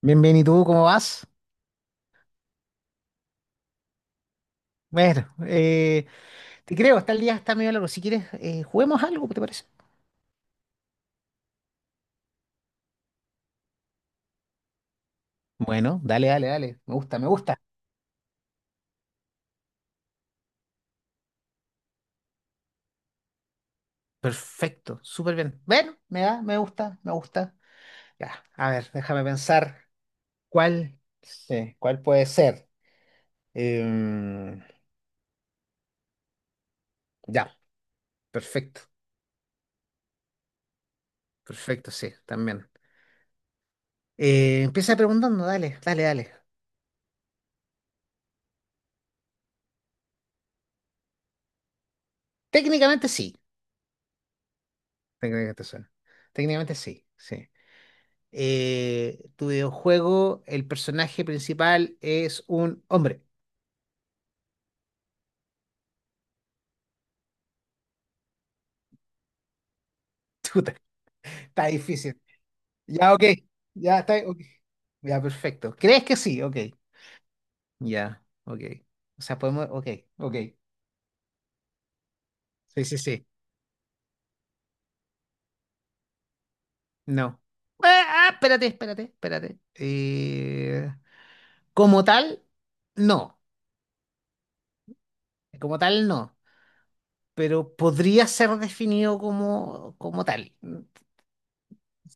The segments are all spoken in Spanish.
Bien, bien, ¿y tú cómo vas? Bueno, te creo, está el día, está medio largo. Si quieres, juguemos algo, ¿te parece? Bueno, dale, dale, dale. Me gusta, me gusta. Perfecto, súper bien. Bueno, me gusta, me gusta. Ya, a ver, déjame pensar cuál, sí, cuál puede ser. Em, ya, perfecto, perfecto, sí, también. Empieza preguntando, dale, dale, dale. Técnicamente sí, técnicamente suena. Técnicamente sí, sí. Tu videojuego, el personaje principal es un hombre. Chuta, está difícil. Ya, ok. Ya está. Ok. Ya, perfecto. ¿Crees que sí? Ok. Ya, ok. O sea, podemos. Ok, ok. Sí, sí, sí. No. Ah, ah, espérate, espérate, espérate. Como tal, no. Como tal, no. Pero podría ser definido como tal.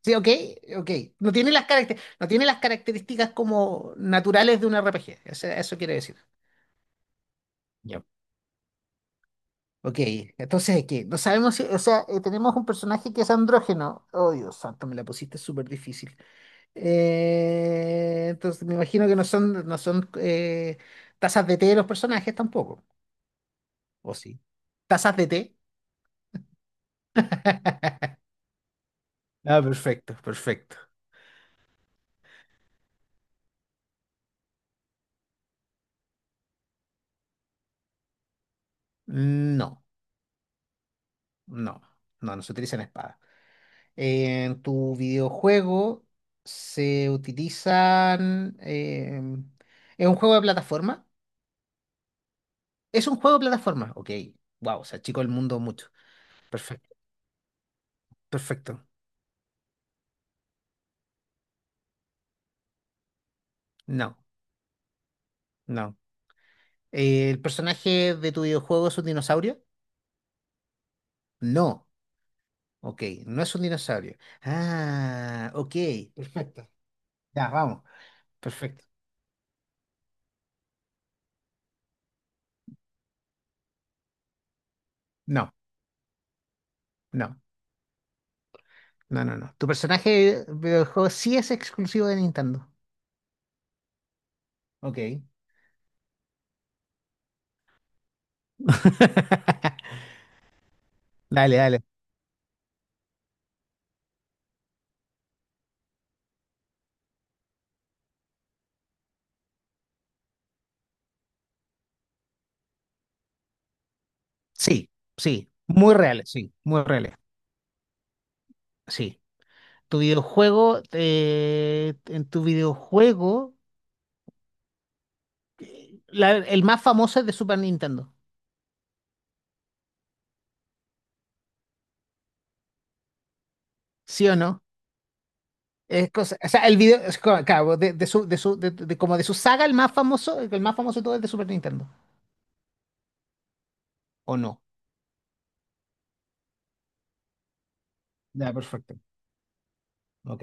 Sí, ok, ok. No tiene las no tiene las características como naturales de un RPG. O sea, eso quiere decir. Ya. Ok, entonces, ¿qué? No sabemos si, o sea, tenemos un personaje que es andrógeno. Oh, Dios santo, me la pusiste súper difícil. Entonces, me imagino que no son tazas de té de los personajes tampoco. ¿O sí? ¿Tazas de té? Ah, perfecto, perfecto. No, no, no, no se utilizan espadas. En tu videojuego se utilizan, es un juego de plataforma. Es un juego de plataforma. Ok. Wow, se achicó el mundo mucho. Perfecto. Perfecto. No, no. ¿El personaje de tu videojuego es un dinosaurio? No. Ok, no es un dinosaurio. Ah, ok. Perfecto. Ya, vamos. Perfecto. No, no, no, no, no. Tu personaje de videojuego sí es exclusivo de Nintendo. Ok. Dale, dale. Sí, sí. Muy reales, sí. Muy reales, sí. En tu videojuego, el más famoso es de Super Nintendo, ¿sí o no? Es cosa, o sea, el video, claro, de su como de su saga, el más famoso de todo es de Super Nintendo, ¿o no? Ya, perfecto. Ok.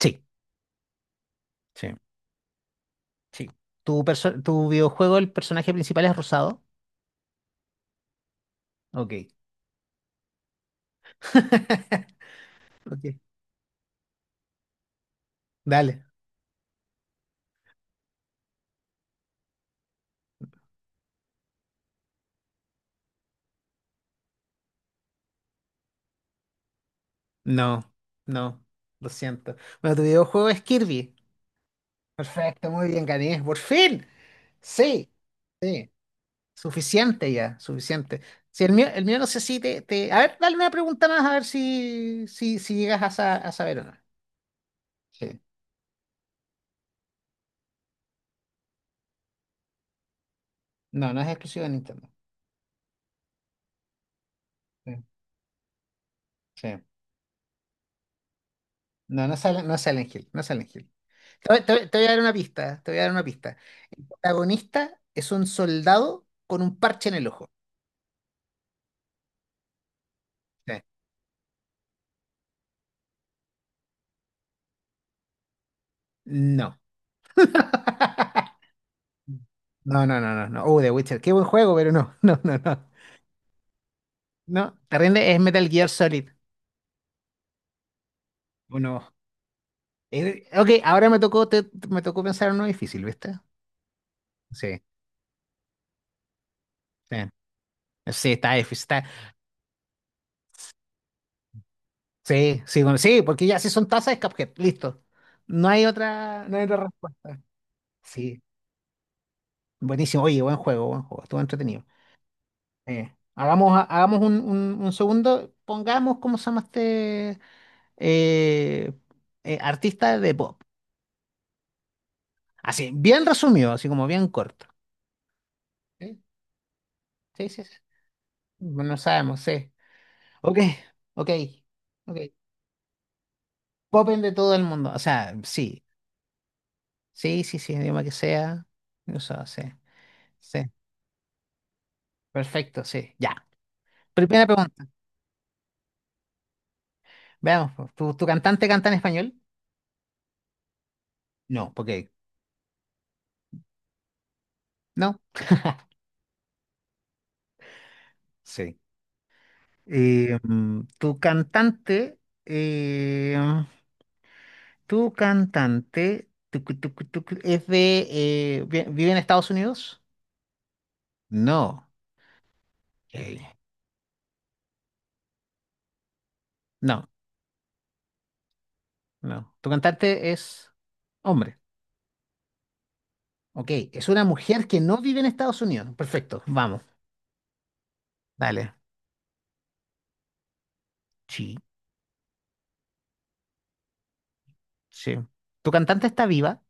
Sí, sí, sí. Tu videojuego, el personaje principal es rosado. Ok. Ok. Dale. No, no, lo siento. Bueno, tu videojuego es Kirby. Perfecto, muy bien, gané. Por fin. Sí, sí. Suficiente ya, suficiente. Si el mío no sé si a ver, dale una pregunta más a ver si llegas a saber o no. Sí. No, no es exclusivo de Nintendo. Sí, sí. No, no sale, no es Silent Hill, no es Silent Hill. Te voy a dar una pista, te voy a dar una pista. El protagonista es un soldado con un parche en el ojo. Sí. No. No, no, no, no, no. The Witcher. Qué buen juego, pero no, no, no, no. No, te rinde, es Metal Gear Solid. Uno. Ok, ahora me tocó, me tocó pensar en uno difícil, ¿viste? Sí, sí. Sí, está difícil. Está, sí, sí, bueno, sí, porque ya si son tazas es Cuphead, listo. No hay otra, no hay otra respuesta. Sí, buenísimo. Oye, buen juego, buen juego. Estuvo entretenido. Hagamos, hagamos un segundo. Pongamos, ¿cómo se llama este eh, artista de pop? Así, bien resumido, así como bien corto. Sí, sí, sí, sí. No sabemos, sí. Ok, ok, ok. Popen de todo el mundo. O sea, sí, sí, sí, sí, idioma que sea. O sea, sí, sí. Perfecto, sí. Ya. Primera pregunta. Veamos, pues, ¿tu cantante canta en español? No, porque no. Sí. Tu cantante, eh, ¿es de, vive en Estados Unidos? No. Ey, no, no. Tu cantante es hombre. Ok, es una mujer que no vive en Estados Unidos. Perfecto, vamos. Dale. Sí, sí. Tu cantante está viva.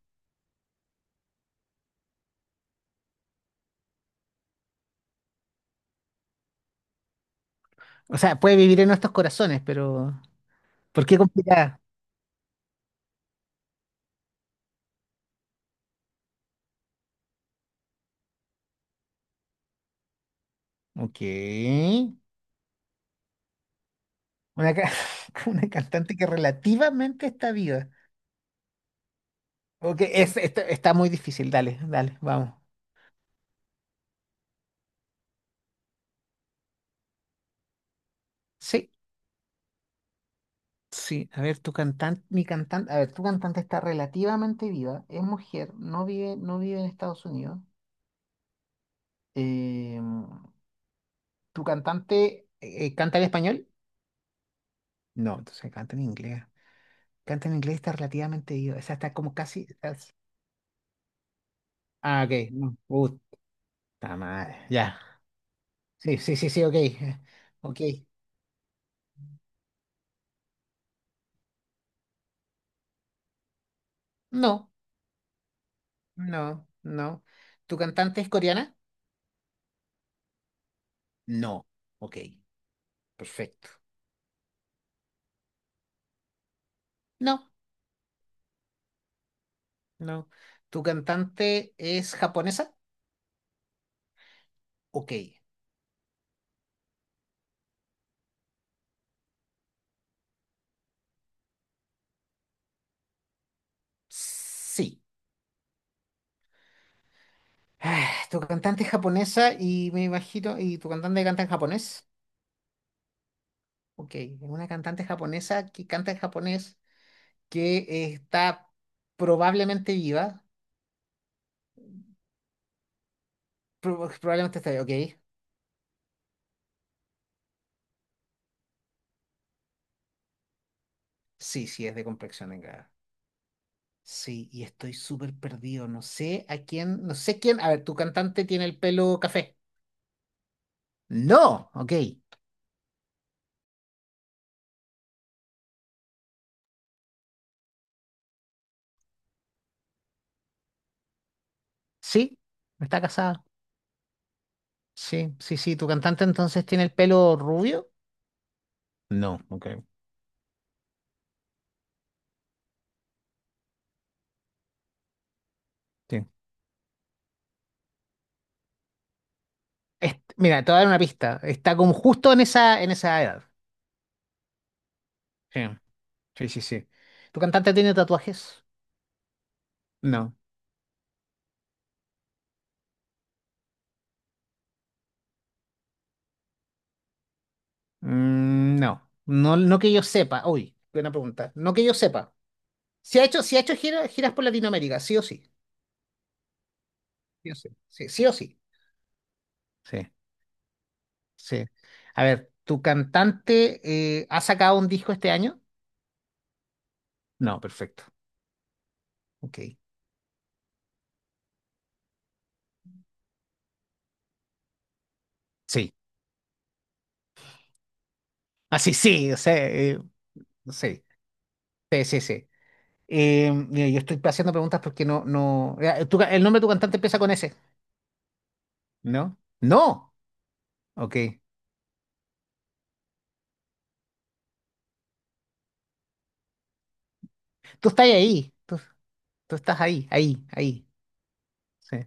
O sea, puede vivir en nuestros corazones, pero ¿por qué complicada? Ok. Una, ca- una cantante que relativamente está viva. Ok, está muy difícil. Dale, dale, vamos. Sí, sí. A ver, tu cantante, mi cantante, a ver, tu cantante está relativamente viva, es mujer, no vive en Estados Unidos. Eh, ¿Tu cantante canta en español? No, entonces canta en inglés. Canta en inglés está relativamente ido. O sea, está como casi. Ah, ok. No. Puta madre. Ya. Sí, sí, sí, sí, ok. Ok. No, no, no. ¿Tu cantante es coreana? No. Ok. Perfecto. No, no. ¿Tu cantante es japonesa? Ok. Sí. Ah, ¿tu cantante es japonesa y me imagino, y tu cantante canta en japonés? Ok, es una cantante japonesa que canta en japonés, que está probablemente viva. Probablemente está viva, ok. Sí, sí, es de complexión delgada. Sí, y estoy súper perdido. No sé a quién, no sé quién. A ver, tu cantante tiene el pelo café. No, ok. Sí, está casada. Sí, sí, sí. ¿Tu cantante entonces tiene el pelo rubio? No, ok. Sí. Mira, te voy a dar una pista. Está como justo en esa edad. Sí, sí, sí, sí. ¿Tu cantante tiene tatuajes? No. No, no, no que yo sepa. Uy, buena pregunta. No que yo sepa. Si ha hecho giras por Latinoamérica, sí o sí. Sí o sí. Sí, sí o sí. Sí, sí. A ver, ¿tu cantante ha sacado un disco este año? No, perfecto. Ok. Sí. Ah, sí, sí, o sea, sí. Sí, sí, sí. Mira, yo estoy haciendo preguntas porque no, no. El nombre de tu cantante empieza con S. ¿No? No. Ok. Tú estás ahí. Tú estás ahí, ahí, ahí. Sí.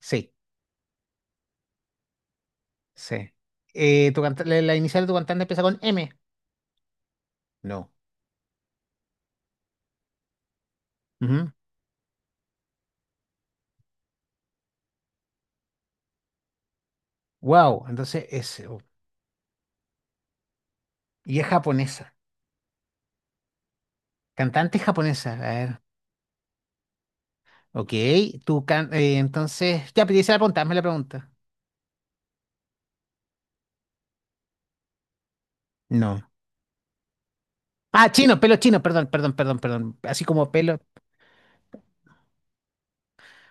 Sí, sí. La inicial de tu cantante empieza con M. No. Wow, entonces es. Oh, Y es japonesa. Cantante japonesa. A ver. Ok, entonces. Ya, pedí la pregunta, hazme la pregunta. No. Ah, chino, pelo chino, perdón, perdón, perdón, perdón. Así como pelo.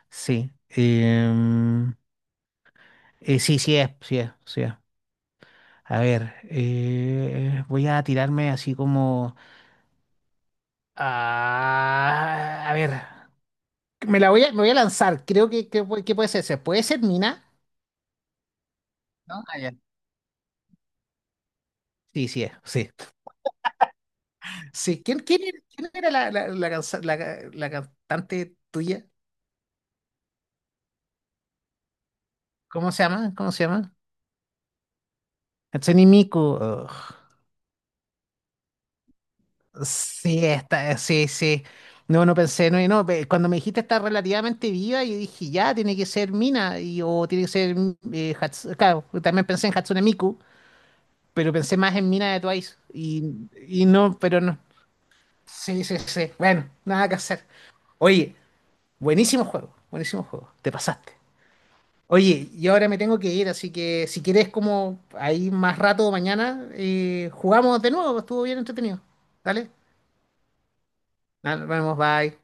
Sí. Sí, sí es, sí es, sí es. A ver, voy a tirarme así como. A ver. Me voy a lanzar. Creo que puede ser ese. ¿Puede ser Mina? ¿No? Ah, ya. Sí, sí, es, sí. Sí. ¿Quién era la, la, la, cansa- la ca- la cantante tuya? ¿Cómo se llama? ¿Cómo se llama? Hatsune Miku. Ugh. Sí, está, sí, sí. No, no pensé, no, no. Cuando me dijiste está relativamente viva, yo dije, ya, tiene que ser Mina, y, o tiene que ser claro, también pensé en Hatsune Miku, pero pensé más en Mina de Twice. Y no, pero no. Sí, sí, sí. Bueno, nada que hacer. Oye, buenísimo juego, te pasaste. Oye, yo ahora me tengo que ir, así que si quieres como ahí más rato mañana, jugamos de nuevo, estuvo bien entretenido. ¿Dale? Nos vemos, bye.